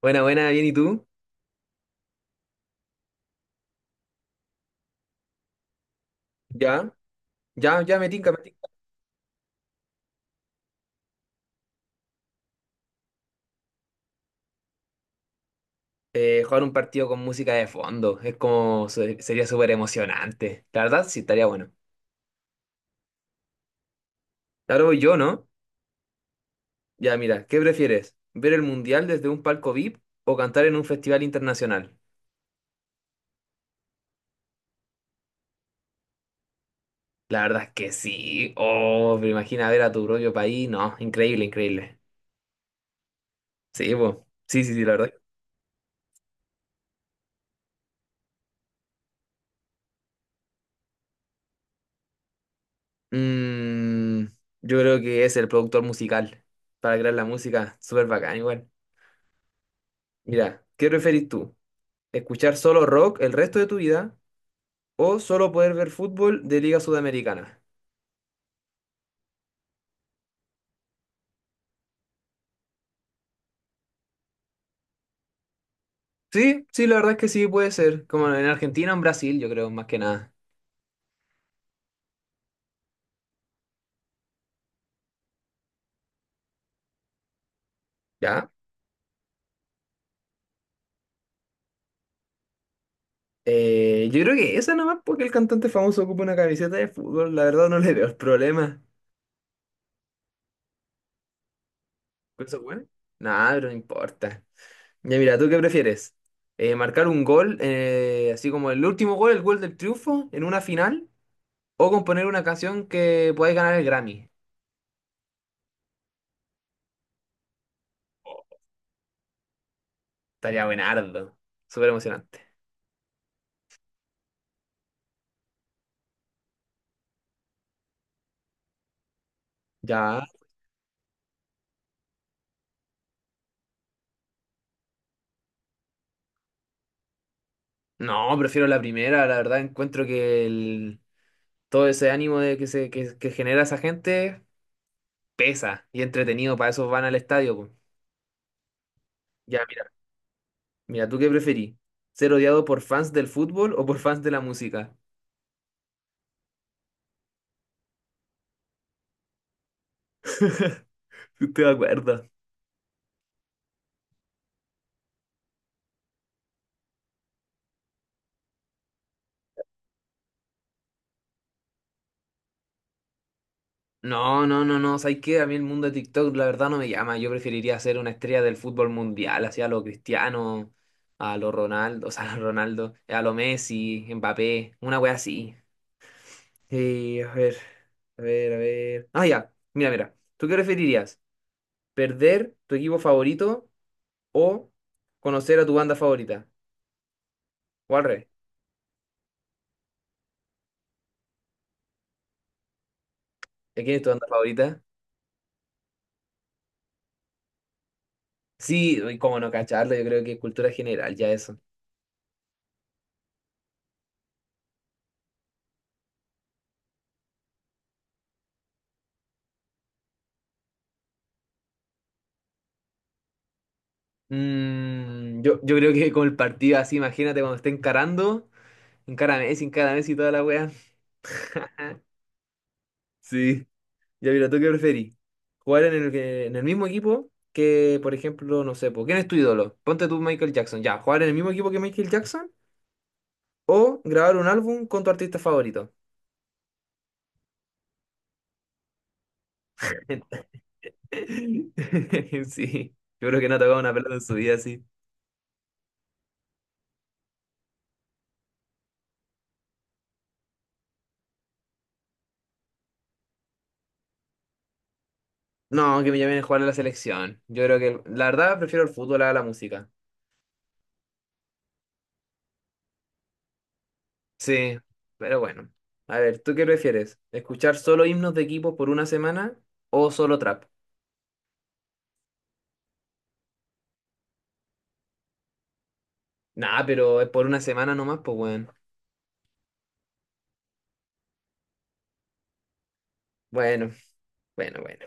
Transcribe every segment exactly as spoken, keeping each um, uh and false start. Buena, buena, bien, ¿y tú? Ya, ya, ya me tinca, me tinca. Eh, jugar un partido con música de fondo es como, se- sería súper emocionante. La verdad, sí, estaría bueno. Claro, voy yo, ¿no? Ya, mira, ¿qué prefieres? ¿Ver el mundial desde un palco V I P o cantar en un festival internacional? La verdad es que sí. Oh, pero imagina ver a tu propio país. No, increíble, increíble. Sí, pues. Sí, sí, sí, la verdad. Mm, yo creo que es el productor musical para crear la música. Súper bacán, igual. Mira, ¿qué preferís tú? Escuchar solo rock el resto de tu vida o solo poder ver fútbol de Liga Sudamericana. Sí, sí, la verdad es que sí puede ser, como en Argentina o en Brasil, yo creo, más que nada. Ya. Eh, yo creo que esa nomás porque el cantante famoso ocupa una camiseta de fútbol, la verdad no le veo el problema. ¿Con ¿Eso bueno? Nada, pero no importa. Ya mira, ¿tú qué prefieres? Eh, ¿marcar un gol, eh, así como el último gol, el gol del triunfo, en una final? ¿O componer una canción que podáis ganar el Grammy? Estaría buenardo. Súper emocionante. Ya, no, prefiero la primera, la verdad encuentro que el- todo ese ánimo de que se que, que genera esa gente pesa y entretenido, para eso van al estadio, po. Ya, mira, mira, ¿tú qué preferís? ¿Ser odiado por fans del fútbol o por fans de la música? ¿Te acuerdas? No, no, no, no, ¿sabes qué? A mí el mundo de TikTok la verdad no me llama, yo preferiría ser una estrella del fútbol mundial, así a lo Cristiano, a lo Ronaldo, o sea, a lo Ronaldo, a lo Messi, Mbappé, una wea así. Eh, a ver, a ver, a ver. Ah, ya. Mira, mira. ¿Tú qué preferirías? ¿Perder tu equipo favorito o conocer a tu banda favorita? O al revés. ¿Y ¿Quién es tu banda favorita? Sí, uy, cómo no cacharlo, yo creo que es cultura general, ya eso. Mm, yo, yo creo que con el partido así, imagínate cuando esté encarando, encara Messi, encara Messi y toda la wea. Sí. Ya mira, ¿tú qué preferís? ¿Jugar en el, que- en el mismo equipo que, por ejemplo, no sé, po, ¿quién es tu ídolo? Ponte tú Michael Jackson. Ya, ¿jugar en el mismo equipo que Michael Jackson? ¿O grabar un álbum con tu artista favorito? Sí, yo creo que no ha tocado una pelota en su vida así. No, que me llamen a jugar a la selección. Yo creo que, la verdad, prefiero el fútbol a la música. Sí, pero bueno. A ver, ¿tú qué prefieres? ¿Escuchar solo himnos de equipos por una semana o solo trap? Nah, pero es por una semana nomás, pues bueno. Bueno. Bueno, bueno.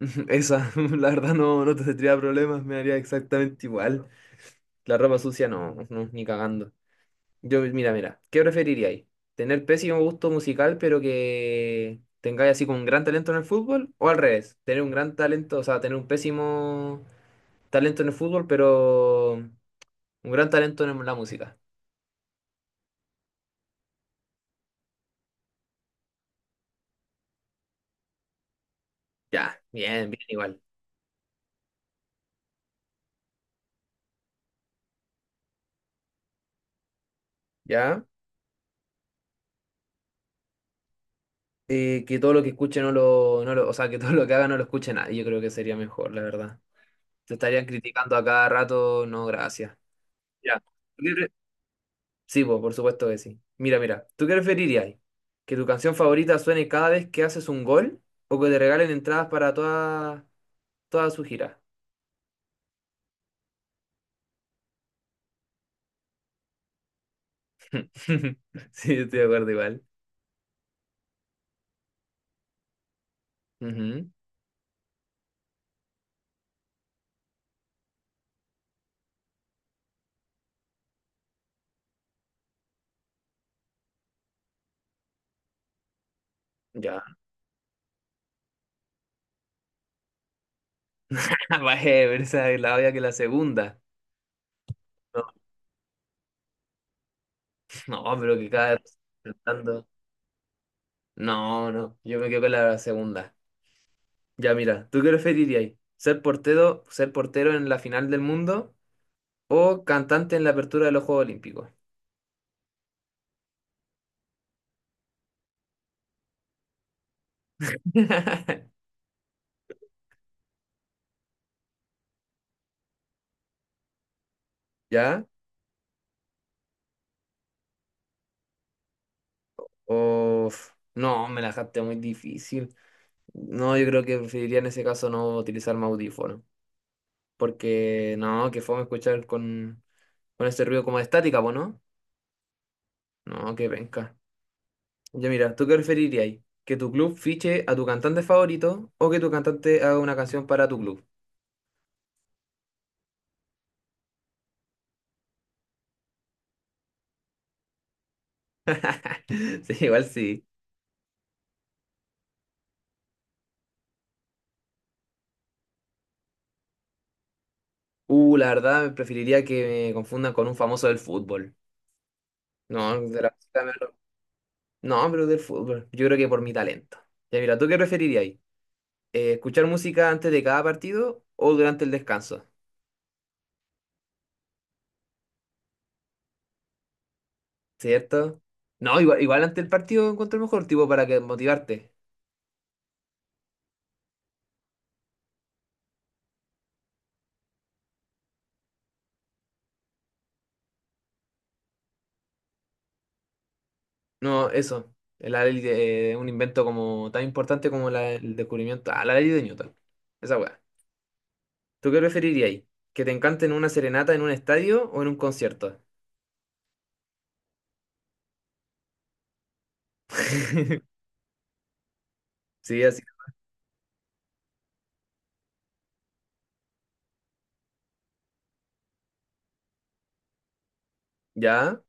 Esa, la verdad no, no te tendría problemas, me haría exactamente igual. La ropa sucia no, no, ni cagando. Yo, mira, mira, ¿qué preferiríais? ¿Tener pésimo gusto musical pero que tengáis así como un gran talento en el fútbol? ¿O al revés? ¿Tener un gran talento, o sea, tener un pésimo talento en el fútbol pero un gran talento en la música? Ya, bien, bien igual. ¿Ya? Eh, que todo lo que escuche no lo, no lo, o sea, que todo lo que haga no lo escuche nadie, yo creo que sería mejor, la verdad. Te estarían criticando a cada rato, no, gracias. Mira, ¿tú qué pre- sí, po, por supuesto que sí. Mira, mira, ¿tú qué preferirías? ¿Que tu canción favorita suene cada vez que haces un gol o que te regalen entradas para toda, toda su gira? Sí, estoy de acuerdo igual. Ujú, ya. Vaya, pero esa es la obvia que la segunda. No, no, pero que cada vez cantando. No, no, yo me quedo con la segunda. Ya, mira, ¿tú qué preferirías? ¿Ser portero, ser portero en la final del mundo? O cantante en la apertura de los Juegos Olímpicos. ¿Ya? O... No, me la dejaste muy difícil. No, yo creo que preferiría en ese caso no utilizar mi audífono. Porque no, que fome escuchar con, con ese ruido como de estática, ¿po no? No, que venga. Ya mira, ¿tú qué preferirías ahí? ¿Que tu club fiche a tu cantante favorito o que tu cantante haga una canción para tu club? Sí, igual sí. Uh, la verdad, preferiría que me confundan con un famoso del fútbol. No, de la música. No, pero del fútbol. Yo creo que por mi talento. Ya mira, ¿tú qué preferirías? Eh, ¿escuchar música antes de cada partido o durante el descanso? ¿Cierto? No, igual, igual antes del partido encuentro el mejor tipo para que motivarte. No, eso. La ley de eh, un invento como tan importante como la- el descubrimiento. Ah, la ley de Newton. Esa weá. ¿Tú qué preferirías? ¿Que te encanten una serenata en un estadio o en un concierto? Sí, así. ¿Ya?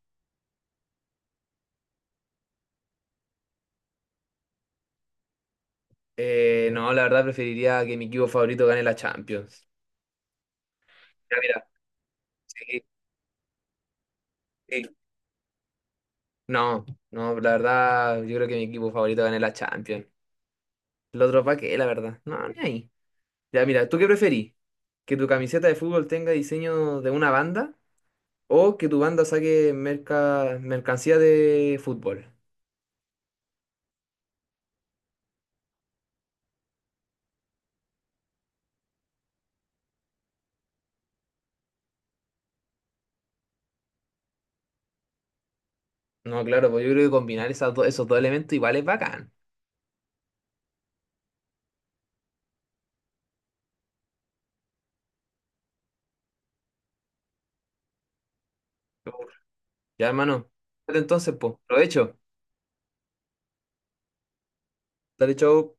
Eh, no, la verdad preferiría que mi equipo favorito gane la Champions. Ya, mira, sí, sí. No, no, la verdad, yo creo que mi equipo favorito gane la Champions. El otro pa' qué, la verdad. No, ni ahí. Ya, mira, ¿tú qué preferís? ¿Que tu camiseta de fútbol tenga diseño de una banda o que tu banda saque merca- mercancía de fútbol? No, claro, pues yo creo que combinar esas do- esos dos elementos igual es bacán. Ya, hermano. Entonces, pues, provecho. Dale, chau.